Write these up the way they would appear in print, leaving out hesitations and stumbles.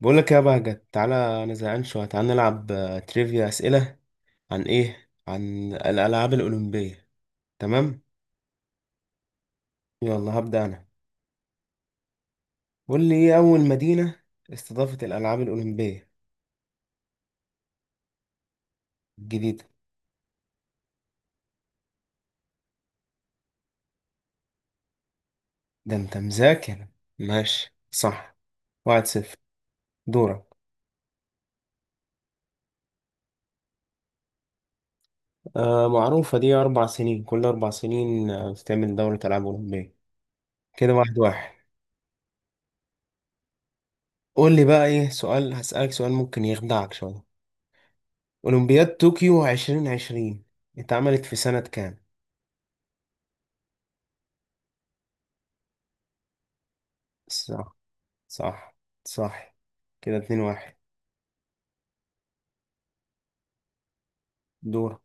بقول لك يا بهجت، تعالى. انا زهقان شويه، تعالى نلعب، تريفيا. اسئله عن ايه؟ عن الالعاب الاولمبيه. تمام. يلا هبدا انا. قول لي، ايه اول مدينه استضافت الالعاب الاولمبيه الجديده؟ ده انت مذاكر. ماشي، صح. واحد صفر. دورك. معروفه دي، اربع سنين، كل اربع سنين بتعمل دوره العاب اولمبيه. كده واحد واحد. قول لي بقى، ايه سؤال هسألك، سؤال ممكن يخدعك شويه. اولمبياد طوكيو 2020 اتعملت في سنه كام؟ صح، صح، صح. كده اتنين واحد. دور.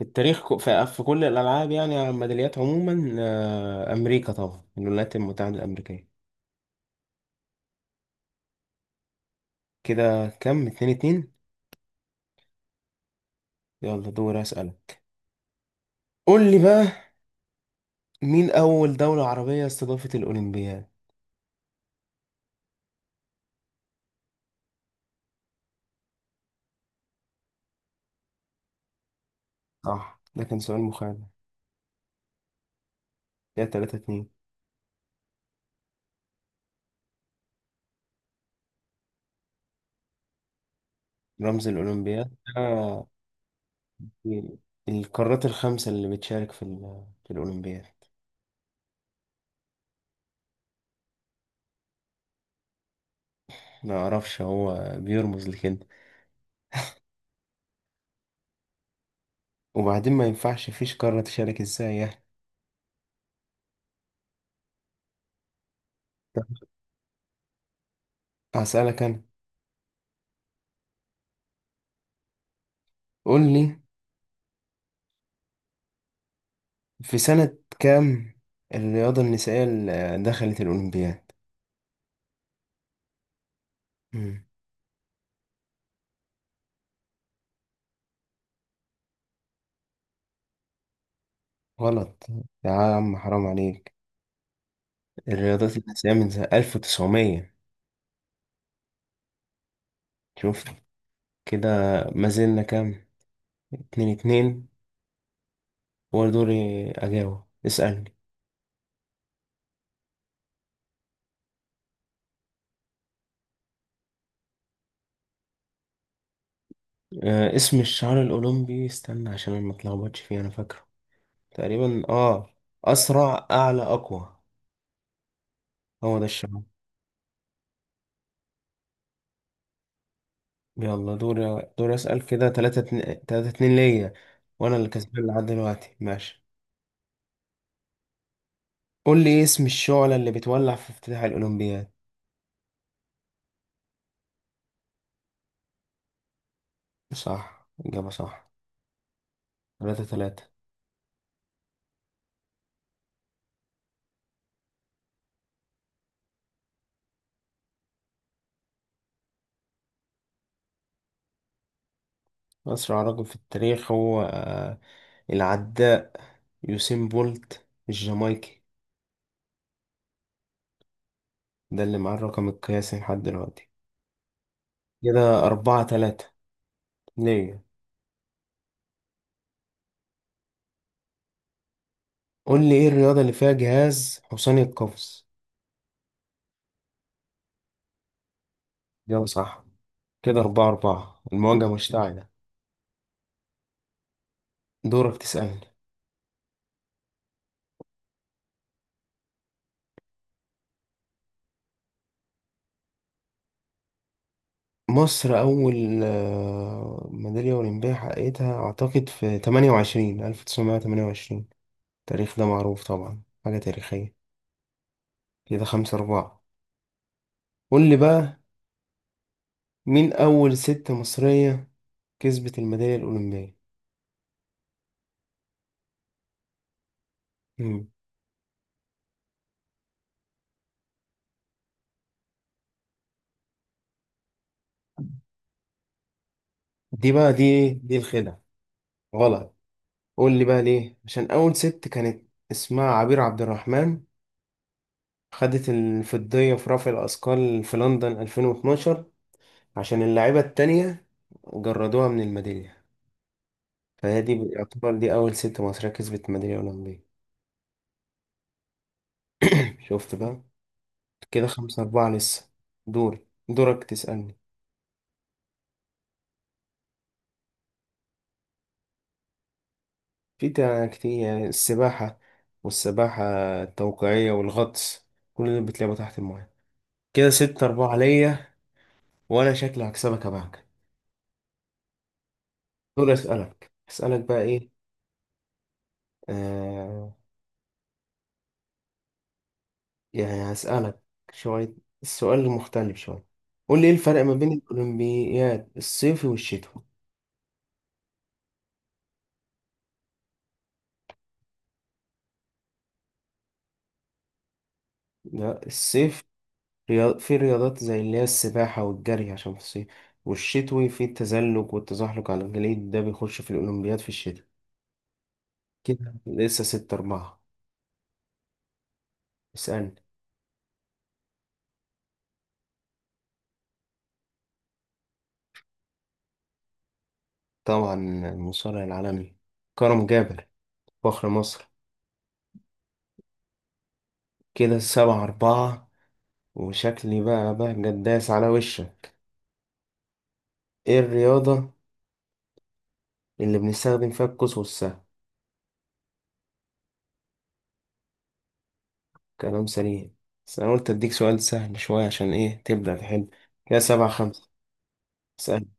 التاريخ في كل الألعاب يعني، على الميداليات عموما، أمريكا طبعا، الولايات المتحدة الأمريكية. كده كم؟ اتنين اتنين. يلا دور أسألك. قول لي بقى، مين أول دولة عربية استضافت الأولمبياد؟ صح، ده كان سؤال مخادع. كده تلاتة اتنين. رمز الأولمبياد، القارات الخمسة اللي بتشارك في الأولمبياد. ما أعرفش، هو بيرمز لكده. وبعدين ما ينفعش فيش قارة تشارك، ازاي يعني. طب هسألك أنا. قول لي، في سنة كام الرياضة النسائية اللي دخلت الأولمبياد؟ مم. غلط يا عم، حرام عليك. الرياضات النسائية من سنة 1900. شفت كده؟ ما زلنا كام؟ اتنين اتنين. هو دوري أجاوب، اسألني. اسم الشعار الأولمبي، استنى عشان أنا متلخبطش فيه، أنا فاكره تقريبا، أسرع أعلى أقوى، هو ده الشعار. يلا دور، دور اسال. كده تلاتة اتنين، تلاتة اتنين ليا، وانا اللي كسبان لحد دلوقتي، ماشي. قول لي، إيه اسم الشعلة اللي بتولع في افتتاح الاولمبياد؟ صح، اجابة صح. تلاتة تلاتة. اسرع رجل في التاريخ هو، العداء يوسين بولت الجامايكي. ده اللي معاه الرقم القياسي لحد دلوقتي. كده أربعة تلاتة ليا. قول لي، إيه الرياضة اللي فيها جهاز حصاني القفز؟ جاوب صح. كده أربعة أربعة، المواجهة مشتعلة. دورك تسألني. مصر أول، ميدالية أولمبية حققتها أعتقد في 28 1928. التاريخ ده معروف طبعا، حاجة تاريخية. كده خمسة أربعة. قول لي بقى، مين أول ست مصرية كسبت الميدالية الأولمبية؟ مم. دي بقى دي إيه؟ دي الخدعة. غلط. قول لي بقى ليه. عشان أول ست كانت اسمها عبير عبد الرحمن، خدت الفضية في رفع الأثقال في لندن 2012. عشان اللاعبة التانية جردوها من الميدالية، فهي دي يعتبر، دي أول ست مصرية كسبت ميدالية أولمبية. شفت بقى. كده خمسة أربعة لسه. دور دورك تسألني. كتير السباحة، والسباحة التوقيعية، والغطس، كل دول بتلعبوا تحت الماية. كده ستة أربعة ليا. وأنا شكلي هكسبك يا بهجة. دور أسألك بقى إيه. آه يعني هسألك شوية، السؤال المختلف شوية. قول لي، إيه الفرق ما بين الأولمبياد الصيفي والشتوي؟ لا، الصيف، في رياضات زي اللي هي السباحة والجري عشان في الصيف، والشتوي في التزلج والتزحلق على الجليد، ده بيخش في الأولمبياد في الشتاء. كده لسه ستة أربعة. اسألني. طبعا المصارع العالمي كرم جابر، فخر مصر. كده سبعة أربعة. وشكلي بقى جداس على وشك. إيه الرياضة اللي بنستخدم فيها القوس والسهم؟ كلام سليم، بس أنا قلت أديك سؤال سهل شوية عشان إيه تبدأ تحل. كده سبعة خمسة. اسألني.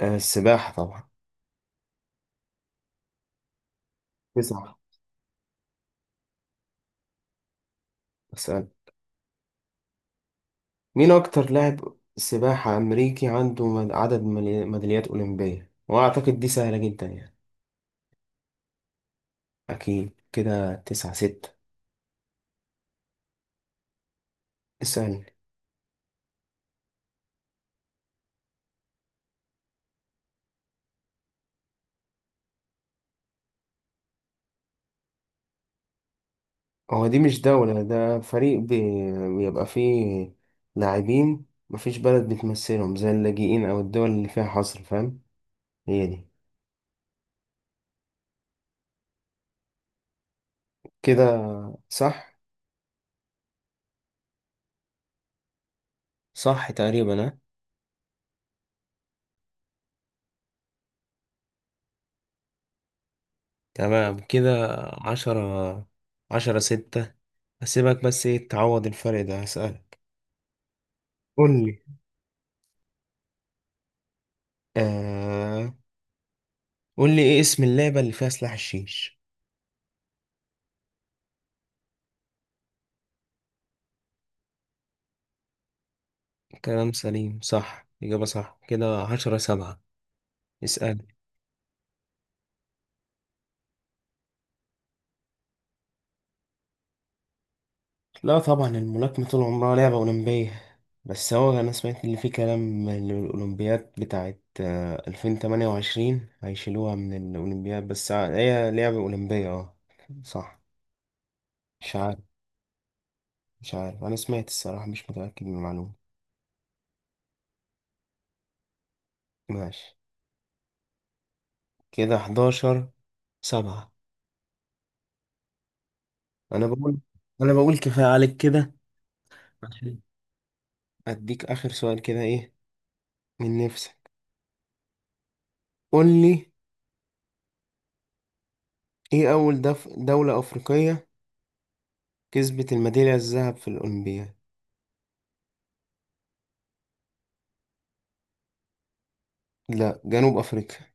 السباحة طبعا. تسعة. اسألني. مين أكتر لاعب سباحة أمريكي عنده عدد ميداليات أولمبية؟ وأعتقد دي سهلة جدا يعني. أكيد. كده تسعة ستة. اسألني. هو دي مش دولة، ده فريق، بيبقى فيه لاعبين، مفيش بلد بتمثلهم، زي اللاجئين أو الدول اللي فيها حصر، فاهم. هي دي. كده صح. صح تقريبا، ها. تمام كده. عشرة، عشرة ستة. أسيبك، بس إيه تعوض الفرق ده. هسألك، قول لي آه قول لي، ايه اسم اللعبة اللي فيها سلاح الشيش؟ كلام سليم، صح، إجابة صح. كده عشرة سبعة. اسأل. لا طبعا، الملاكمة طول عمرها لعبة أولمبية. بس هو أنا سمعت إن في كلام إن الأولمبياد بتاعت، 2028، هيشيلوها من الأولمبياد. بس هي لعبة أولمبية، اه صح. مش عارف. أنا سمعت الصراحة، مش متأكد من المعلومة. ماشي. كده حداشر سبعة. أنا بقول أنا بقول كفاية عليك كده. عشان أديك آخر سؤال، كده إيه من نفسك. قول لي، ايه اول دولة افريقية كسبت الميدالية الذهب في الاولمبياد؟ لا، جنوب افريقيا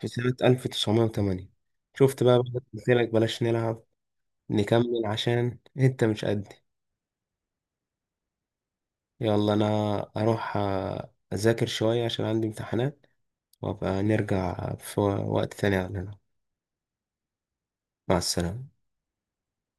في سنة 1908. شفت بقى، قلت لك بلاش نلعب. نكمل عشان انت مش قدي. يلا انا اروح اذاكر شوية عشان عندي امتحانات، وابقى نرجع في وقت تاني على. مع السلامة.